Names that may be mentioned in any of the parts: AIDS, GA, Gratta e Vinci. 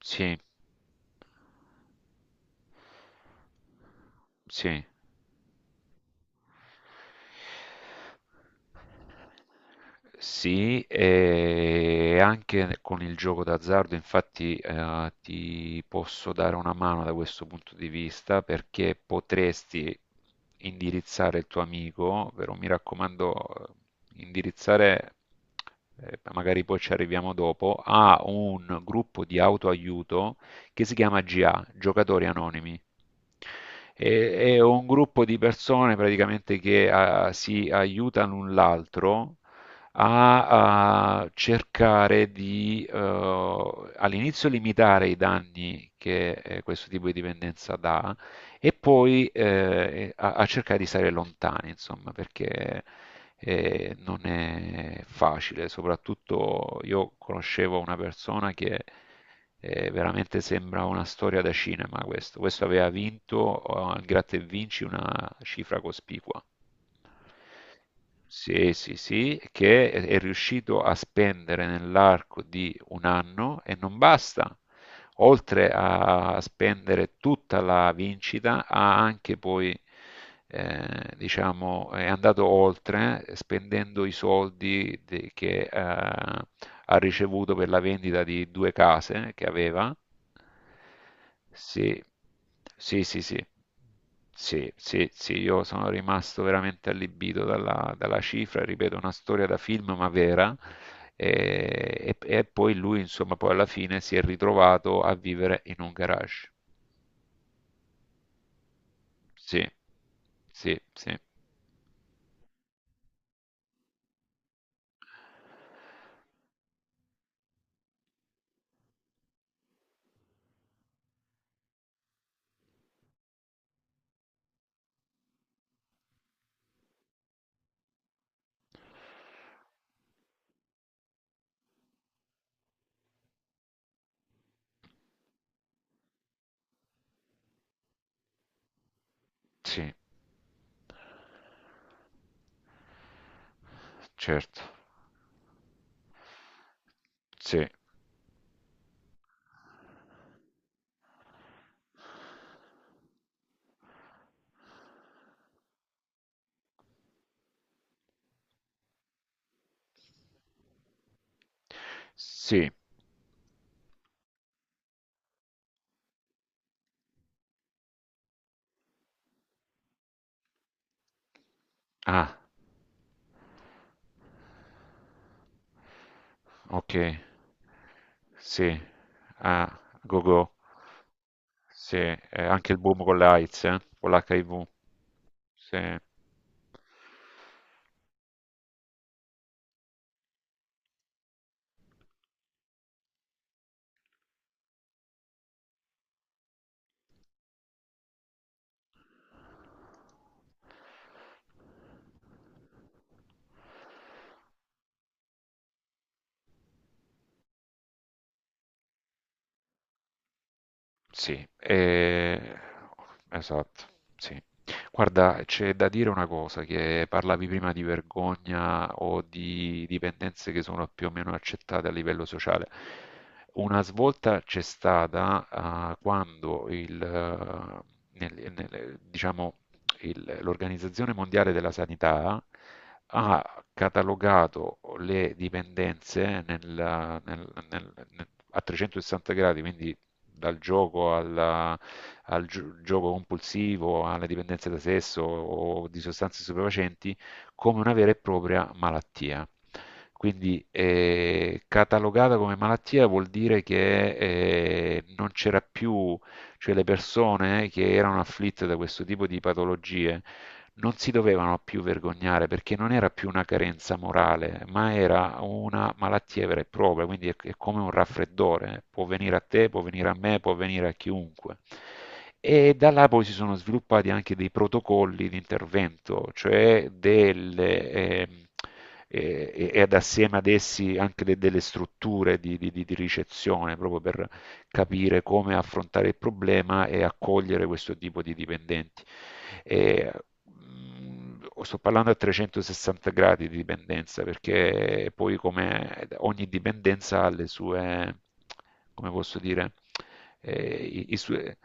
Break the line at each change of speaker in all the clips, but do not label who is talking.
Sì, sì. Sì, e anche con il gioco d'azzardo, infatti, ti posso dare una mano da questo punto di vista perché potresti indirizzare il tuo amico, però mi raccomando, indirizzare, magari poi ci arriviamo dopo, a un gruppo di autoaiuto che si chiama GA, Giocatori Anonimi. È un gruppo di persone praticamente che si aiutano l'un l'altro a cercare di all'inizio limitare i danni che questo tipo di dipendenza dà e poi a cercare di stare lontani, insomma, perché non è facile. Soprattutto io conoscevo una persona che veramente sembra una storia da cinema questo. Questo aveva vinto al Gratta e Vinci una cifra cospicua. Sì, sì, sì, che è riuscito a spendere nell'arco di un anno e non basta. Oltre a spendere tutta la vincita, ha anche poi, diciamo, è andato oltre spendendo i soldi che ha ricevuto per la vendita di due case che aveva. Sì, sì, sì, sì, sì, sì, sì, io sono rimasto veramente allibito dalla cifra, ripeto, una storia da film ma vera. E poi lui, insomma, poi alla fine si è ritrovato a vivere in un garage. Sì, sì, sì, sì, certo, sì, sì, ah, ok, sì, ah, go go. Sì, anche il boom con le AIDS, con l'HIV. Sì. Sì, esatto, sì. Guarda, c'è da dire una cosa, che parlavi prima di vergogna o di dipendenze che sono più o meno accettate a livello sociale. Una svolta c'è stata, ah, quando diciamo, l'Organizzazione Mondiale della Sanità ha catalogato le dipendenze a 360 gradi, quindi dal gioco gioco compulsivo, alle dipendenze da sesso o di sostanze stupefacenti, come una vera e propria malattia. Quindi catalogata come malattia vuol dire che non c'era più, cioè le persone che erano afflitte da questo tipo di patologie non si dovevano più vergognare perché non era più una carenza morale, ma era una malattia vera e propria, quindi è come un raffreddore. Può venire a te, può venire a me, può venire a chiunque. E da là poi si sono sviluppati anche dei protocolli di intervento, cioè delle... e- ed assieme ad essi anche delle strutture di ricezione proprio per capire come affrontare il problema e accogliere questo tipo di dipendenti. E, sto parlando a 360 gradi di dipendenza, perché poi come ogni dipendenza ha le sue, come posso dire, eh, i, i sue-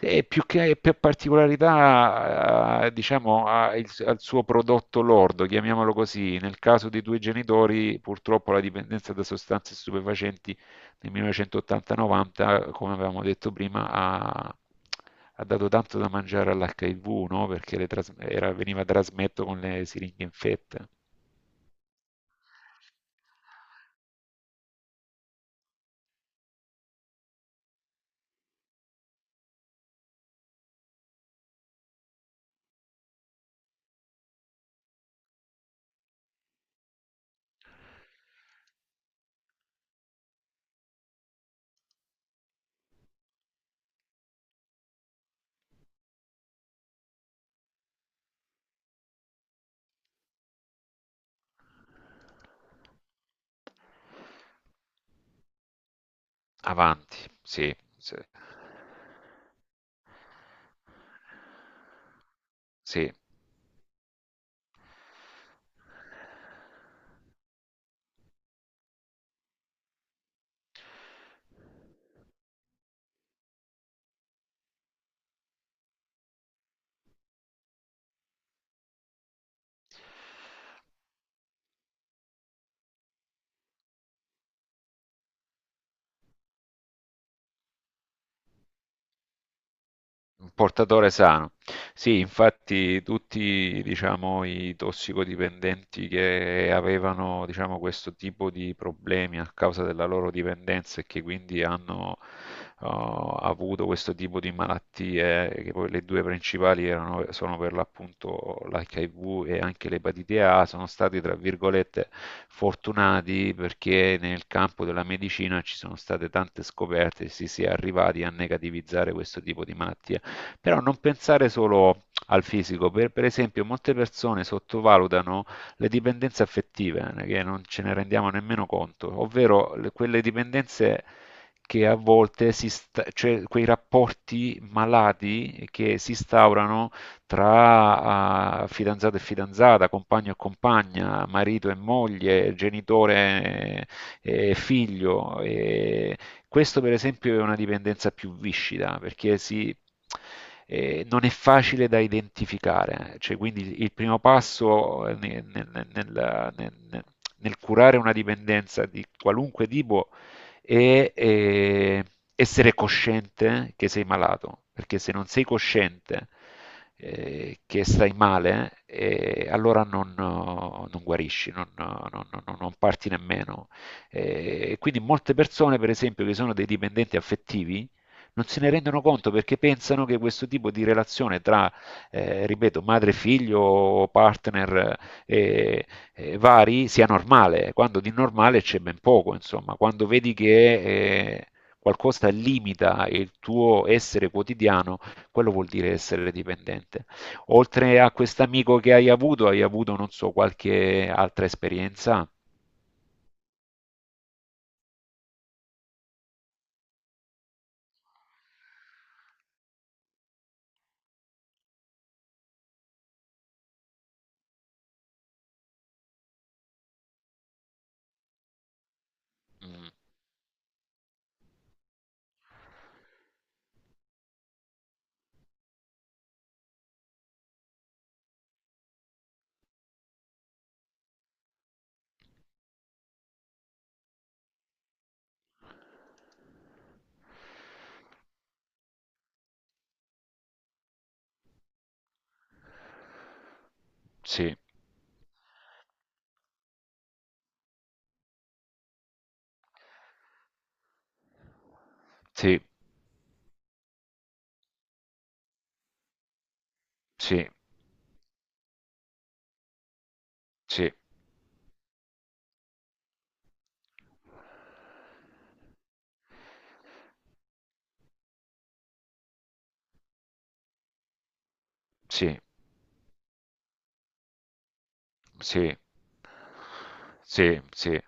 e più che per particolarità, diciamo, ha al suo prodotto lordo, chiamiamolo così. Nel caso dei due genitori, purtroppo la dipendenza da sostanze stupefacenti nel 1980-90, come avevamo detto prima, ha dato tanto da mangiare all'HIV, no? Perché veniva trasmesso con le siringhe infette. Avanti, sì, sì, sì. Un portatore sano. Sì, infatti tutti, diciamo, i tossicodipendenti che avevano, diciamo, questo tipo di problemi a causa della loro dipendenza e che quindi hanno avuto questo tipo di malattie, che poi le due principali erano, sono per l'appunto l'HIV e anche l'epatite A, sono stati, tra virgolette, fortunati perché nel campo della medicina ci sono state tante scoperte e si è arrivati a negativizzare questo tipo di malattie. Però non pensare solo al fisico, per esempio molte persone sottovalutano le dipendenze affettive, che non ce ne rendiamo nemmeno conto, ovvero quelle dipendenze che a volte cioè quei rapporti malati che si instaurano tra fidanzato e fidanzata, compagno e compagna, marito e moglie, genitore e figlio. E questo per esempio è una dipendenza più viscida, perché si, non è facile da identificare. Cioè, quindi il primo passo nel curare una dipendenza di qualunque tipo è, essere cosciente che sei malato, perché se non sei cosciente che stai male, allora non guarisci, non parti nemmeno. Quindi molte persone, per esempio, che sono dei dipendenti affettivi, non se ne rendono conto perché pensano che questo tipo di relazione tra, ripeto, madre, figlio, partner eh, vari sia normale, quando di normale c'è ben poco, insomma, quando vedi che eh, qualcosa limita il tuo essere quotidiano, quello vuol dire essere dipendente. Oltre a quest'amico che hai avuto, non so, qualche altra esperienza? Mm, sì, sì, sì, sì, sì, sì, sì, sì.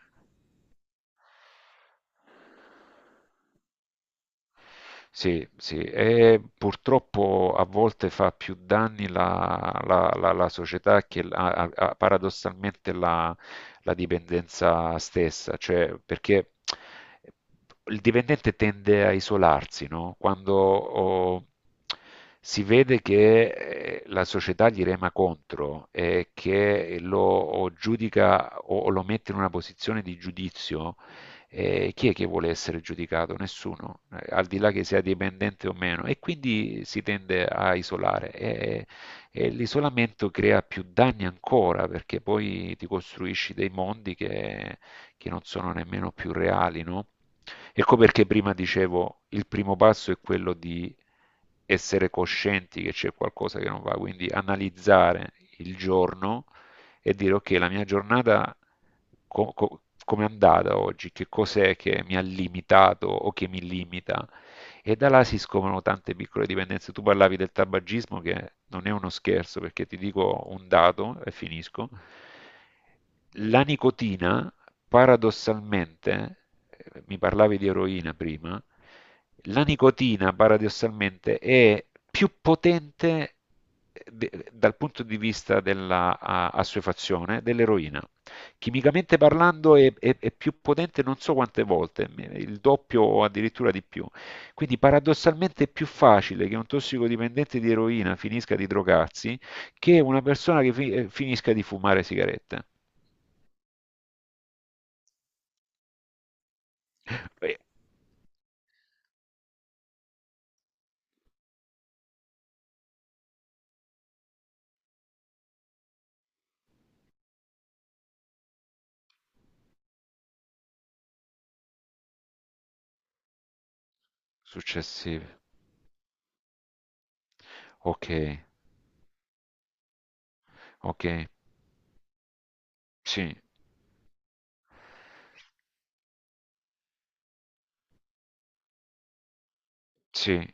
Sì, sì, e purtroppo a volte fa più danni la società che paradossalmente la dipendenza stessa, cioè perché il dipendente tende a isolarsi, no? Quando si vede che la società gli rema contro e che lo giudica o lo mette in una posizione di giudizio. Chi è che vuole essere giudicato? Nessuno, al di là che sia dipendente o meno, e quindi si tende a isolare e l'isolamento crea più danni ancora perché poi ti costruisci dei mondi che non sono nemmeno più reali, no? Ecco perché prima dicevo, il primo passo è quello di essere coscienti che c'è qualcosa che non va, quindi analizzare il giorno e dire ok, la mia giornata com'è andata oggi, che cos'è che mi ha limitato o che mi limita. E da là si scoprono tante piccole dipendenze. Tu parlavi del tabagismo, che non è uno scherzo, perché ti dico un dato e finisco. La nicotina paradossalmente, mi parlavi di eroina prima, la nicotina paradossalmente è più potente dal punto di vista della assuefazione dell'eroina. Chimicamente parlando è più potente non so quante volte, il doppio o addirittura di più. Quindi paradossalmente è più facile che un tossicodipendente di eroina finisca di drogarsi che una persona che finisca di fumare sigarette. Eh, Successivi. Ok, ok, sì, sì,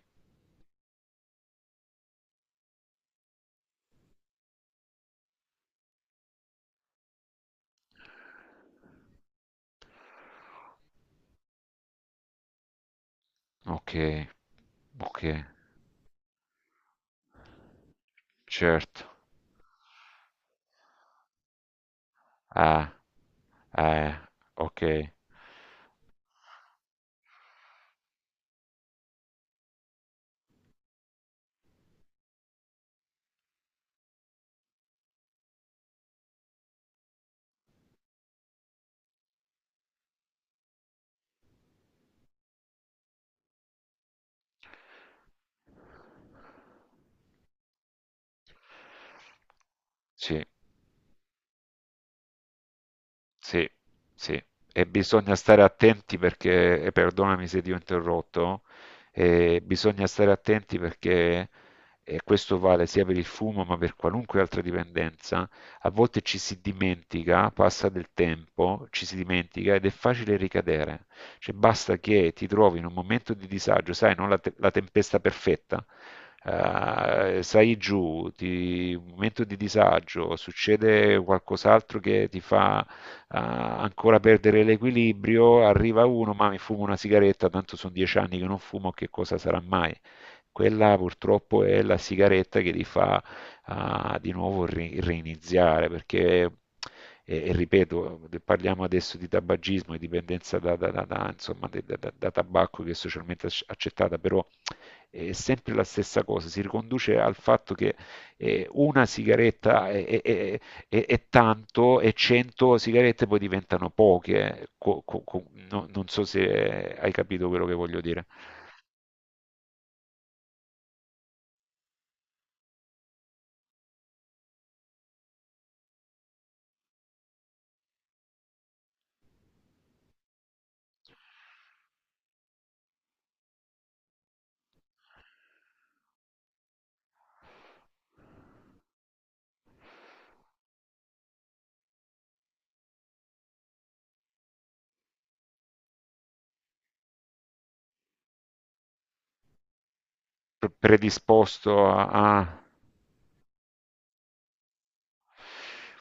ok, ok, certo. Ah, eh, ok, sì, sì, sì, e bisogna stare attenti perché, e perdonami se ti ho interrotto, bisogna stare attenti perché, e questo vale sia per il fumo ma per qualunque altra dipendenza, a volte ci si dimentica, passa del tempo, ci si dimentica ed è facile ricadere. Cioè basta che ti trovi in un momento di disagio, sai, non la, la tempesta perfetta, sai giù, un momento di disagio, succede qualcos'altro che ti fa ancora perdere l'equilibrio, arriva uno, ma mi fumo una sigaretta, tanto sono 10 anni che non fumo, che cosa sarà mai? Quella purtroppo è la sigaretta che ti fa di nuovo reiniziare, perché e ripeto, parliamo adesso di tabagismo e dipendenza insomma, da tabacco che è socialmente accettata, però è sempre la stessa cosa, si riconduce al fatto che una sigaretta è tanto e 100 sigarette poi diventano poche. Non so se hai capito quello che voglio dire. Predisposto a... a-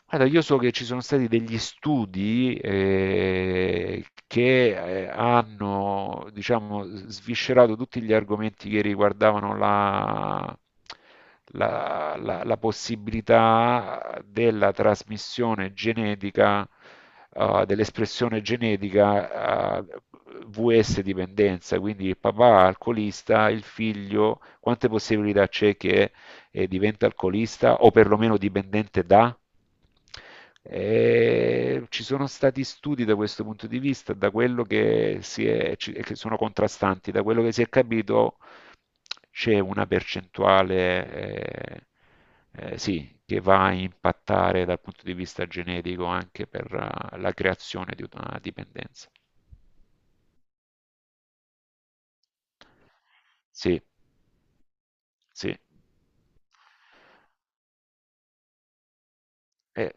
Guarda, io so che ci sono stati degli studi che hanno, diciamo, sviscerato tutti gli argomenti che riguardavano la possibilità della trasmissione genetica, dell'espressione genetica, VS dipendenza, quindi il papà alcolista, il figlio, quante possibilità c'è che diventa alcolista o perlomeno dipendente da... E ci sono stati studi da questo punto di vista, da quello che, si è, che sono contrastanti, da quello che si è capito c'è una percentuale eh, sì, che va a impattare dal punto di vista genetico anche per la creazione di una dipendenza. Sì, sì, eh,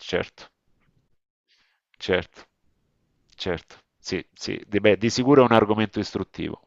certo, certo. Certo, sì, sì, di, beh, di sicuro è un argomento istruttivo.